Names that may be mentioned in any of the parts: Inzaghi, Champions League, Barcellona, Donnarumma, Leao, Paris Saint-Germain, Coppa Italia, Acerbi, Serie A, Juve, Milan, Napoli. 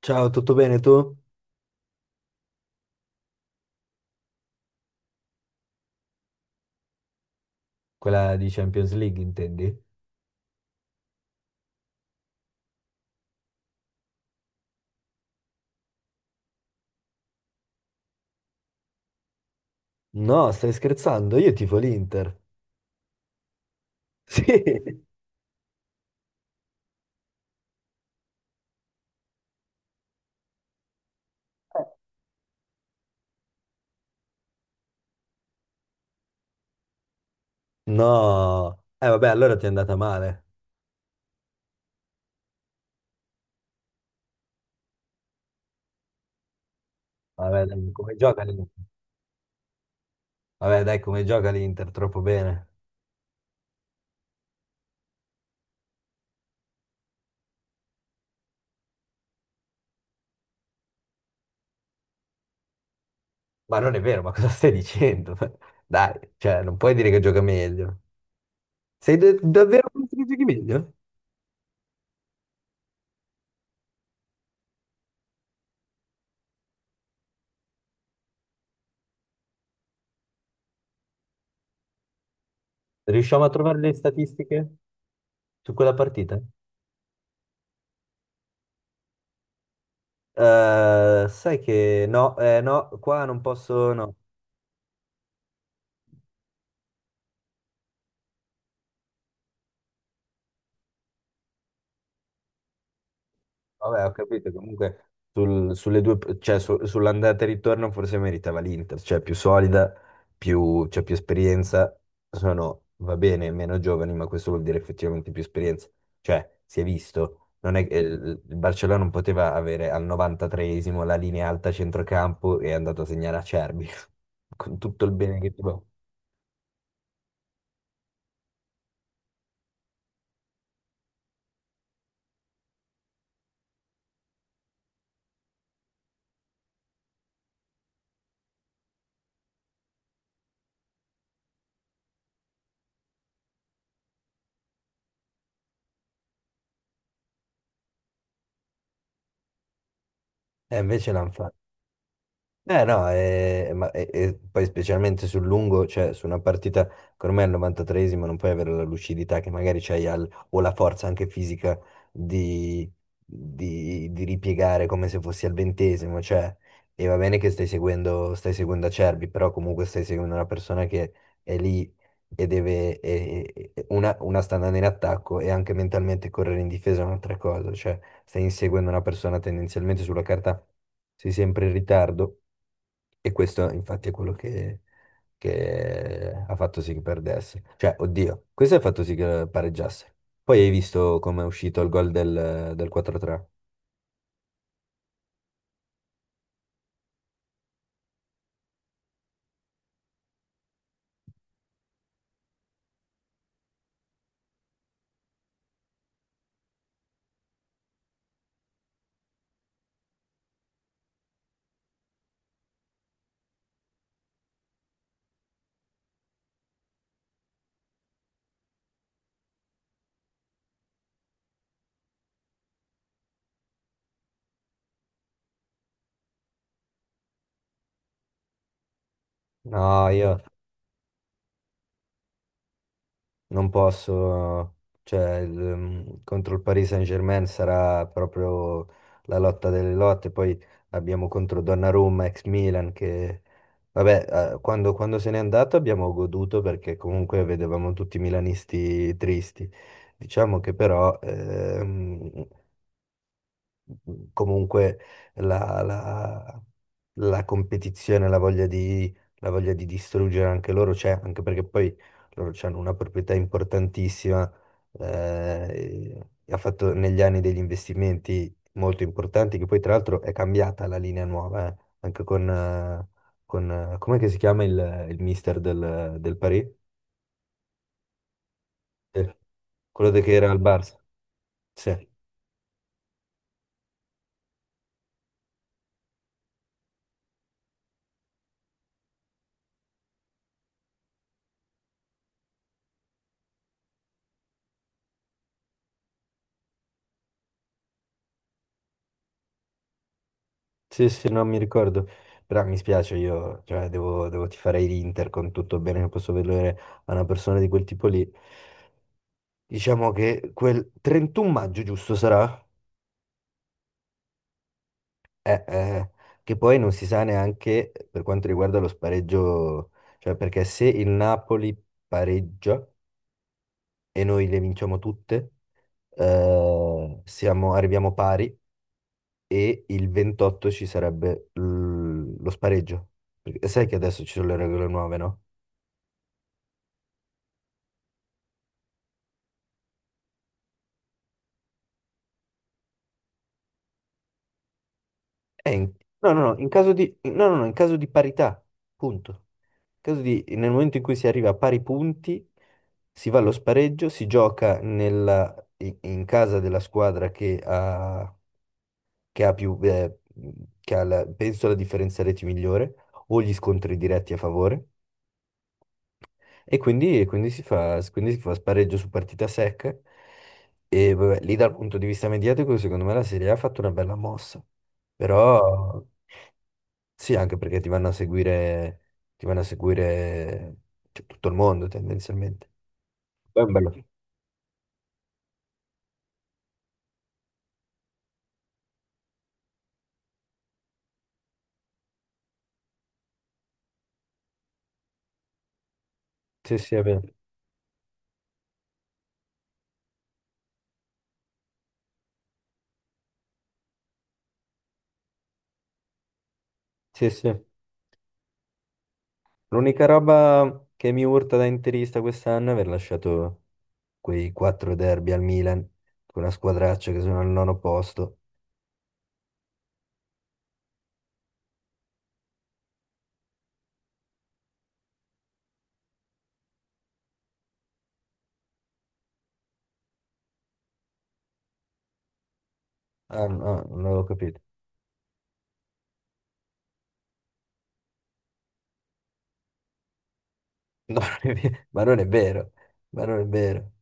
Ciao, tutto bene tu? Quella di Champions League, intendi? No, stai scherzando? Io tifo l'Inter. Sì. No. Eh vabbè, allora ti è andata male. Vabbè, dai, come gioca l'Inter? Vabbè, dai, come gioca l'Inter? Troppo bene. Ma non è vero, ma cosa stai dicendo? Dai, cioè, non puoi dire che gioca meglio. Sei davvero convinto che giochi meglio? Riusciamo a trovare le statistiche su quella partita? Sai che no, no, qua non posso, no. Vabbè, ho capito, comunque sulle due, cioè, sull'andata e ritorno forse meritava l'Inter, cioè più solida, più, cioè, più esperienza, sono, va bene, meno giovani, ma questo vuol dire effettivamente più esperienza, cioè si è visto, non è, il Barcellona non poteva avere al 93esimo la linea alta a centrocampo e è andato a segnare a Acerbi, con tutto il bene che ti può. E invece l'hanno fatto. Eh no, e, e poi specialmente sul lungo, cioè su una partita che ormai al 93esimo non puoi avere la lucidità che magari c'hai o la forza anche fisica di, di ripiegare come se fossi al 20°, cioè, e va bene che stai seguendo Acerbi, però comunque stai seguendo una persona che è lì e deve, una sta andando in attacco e anche mentalmente correre in difesa è un'altra cosa, cioè stai inseguendo una persona tendenzialmente sulla carta sei sempre in ritardo e questo infatti è quello che ha fatto sì che perdesse. Cioè, oddio, questo ha fatto sì che pareggiasse. Poi hai visto come è uscito il gol del 4-3. No, io, non posso, cioè contro il Paris Saint-Germain sarà proprio la lotta delle lotte, poi abbiamo contro Donnarumma, ex Milan, che vabbè, quando se n'è andato abbiamo goduto perché comunque vedevamo tutti i milanisti tristi. Diciamo che però comunque la, la- la competizione, la voglia di distruggere anche loro c'è, anche perché poi loro hanno una proprietà importantissima, eh, e ha fatto negli anni degli investimenti molto importanti, che poi tra l'altro è cambiata la linea nuova, anche con com'è che si chiama il mister del Paris? Eh, Quello che era al Barça. Sì. Sì, sì, non mi ricordo, però mi spiace, io cioè, devo tifare l'Inter con tutto il bene che posso vedere a una persona di quel tipo lì. Diciamo che quel 31 maggio, giusto, sarà? Eh, eh, che poi non si sa neanche per quanto riguarda lo spareggio, cioè perché se il Napoli pareggia e noi le vinciamo tutte, arriviamo pari e il 28 ci sarebbe lo spareggio. Perché sai che adesso ci sono le regole nuove, no? Eh, in- no, no, no, in caso di, in- no, no, no, in caso di parità, punto. Nel momento in cui si arriva a pari punti, si va allo spareggio, si gioca in casa della squadra che ha più, penso la differenza reti migliore o gli scontri diretti a favore. E quindi, e quindi si fa spareggio su partita secca. E vabbè, lì dal punto di vista mediatico, secondo me la Serie A ha fatto una bella mossa. Mm. Però. Sì, anche perché ti vanno a seguire, ti vanno a seguire cioè, tutto il mondo tendenzialmente. Poi è un bello. Sì, sì, è vero. Sì, sì. L'unica roba che mi urta da interista quest'anno è aver lasciato quei quattro derby al Milan, con una squadraccia che sono al nono posto. Ah, no, non avevo capito. No, non è vero. Ma non è vero, ma non è vero.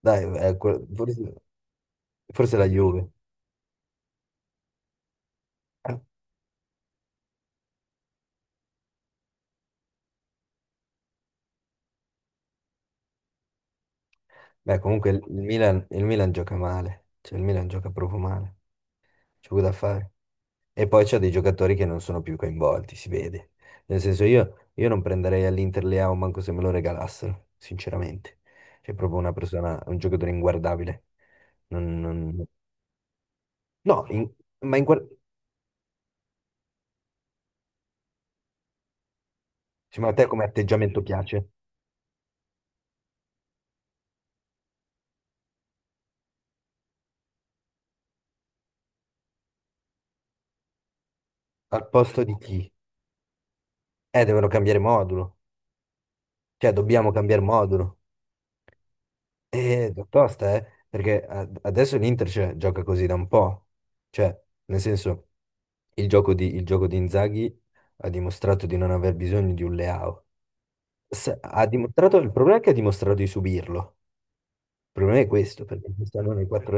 Dai, forse la Juve. Beh, comunque il Milan gioca male, cioè il Milan gioca proprio male. C'è poco da fare. E poi c'è dei giocatori che non sono più coinvolti, si vede. Nel senso, io non prenderei all'Inter Leao manco se me lo regalassero, sinceramente. C'è proprio una persona, un giocatore inguardabile. Non- non- No, ma in... guar- sì, ma a te come atteggiamento piace? Al posto di chi? Devono cambiare modulo. Cioè, dobbiamo cambiare modulo. È tosta, eh? Perché adesso l'Inter cioè, gioca così da un po'. Cioè, nel senso, il gioco di Inzaghi ha dimostrato di non aver bisogno di un Leao. Ha dimostrato, il problema è che ha dimostrato di subirlo. Il problema è questo, perché stanno nei quattro.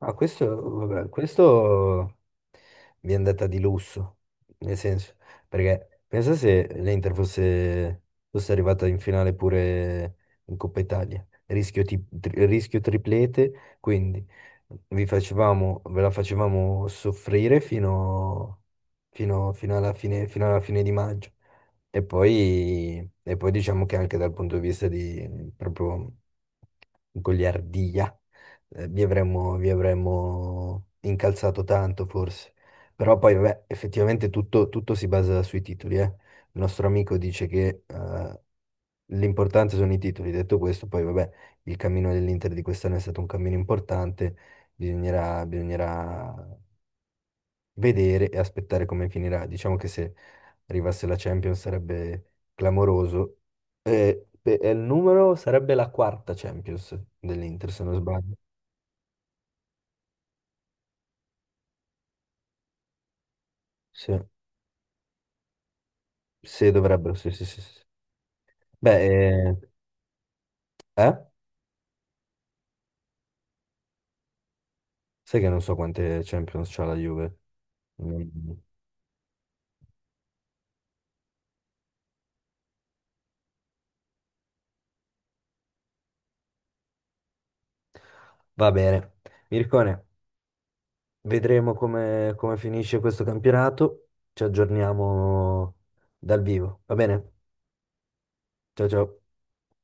Ah, questo, vabbè, questo mi è andata di lusso, nel senso, perché pensa se l'Inter fosse, arrivata in finale pure in Coppa Italia, rischio, rischio triplete, quindi ve la facevamo soffrire fino, fino alla fine, fino alla fine di maggio. E poi diciamo che anche dal punto di vista di proprio goliardia vi avremmo incalzato tanto forse. Però poi, vabbè, effettivamente tutto si basa sui titoli, eh. Il nostro amico dice che l'importante sono i titoli. Detto questo, poi, vabbè, il cammino dell'Inter di quest'anno è stato un cammino importante. Bisognerà vedere e aspettare come finirà. Diciamo che se arrivasse la Champions sarebbe clamoroso. E il numero sarebbe la quarta Champions dell'Inter, se non sbaglio. Sì. Sì, dovrebbero, sì, sì, sì, sì. Beh, eh? Sai che non so quante Champions c'ha la Juve. Mm. Va bene. Mircone, vedremo come finisce questo campionato. Ci aggiorniamo dal vivo, va bene? Ciao, ciao.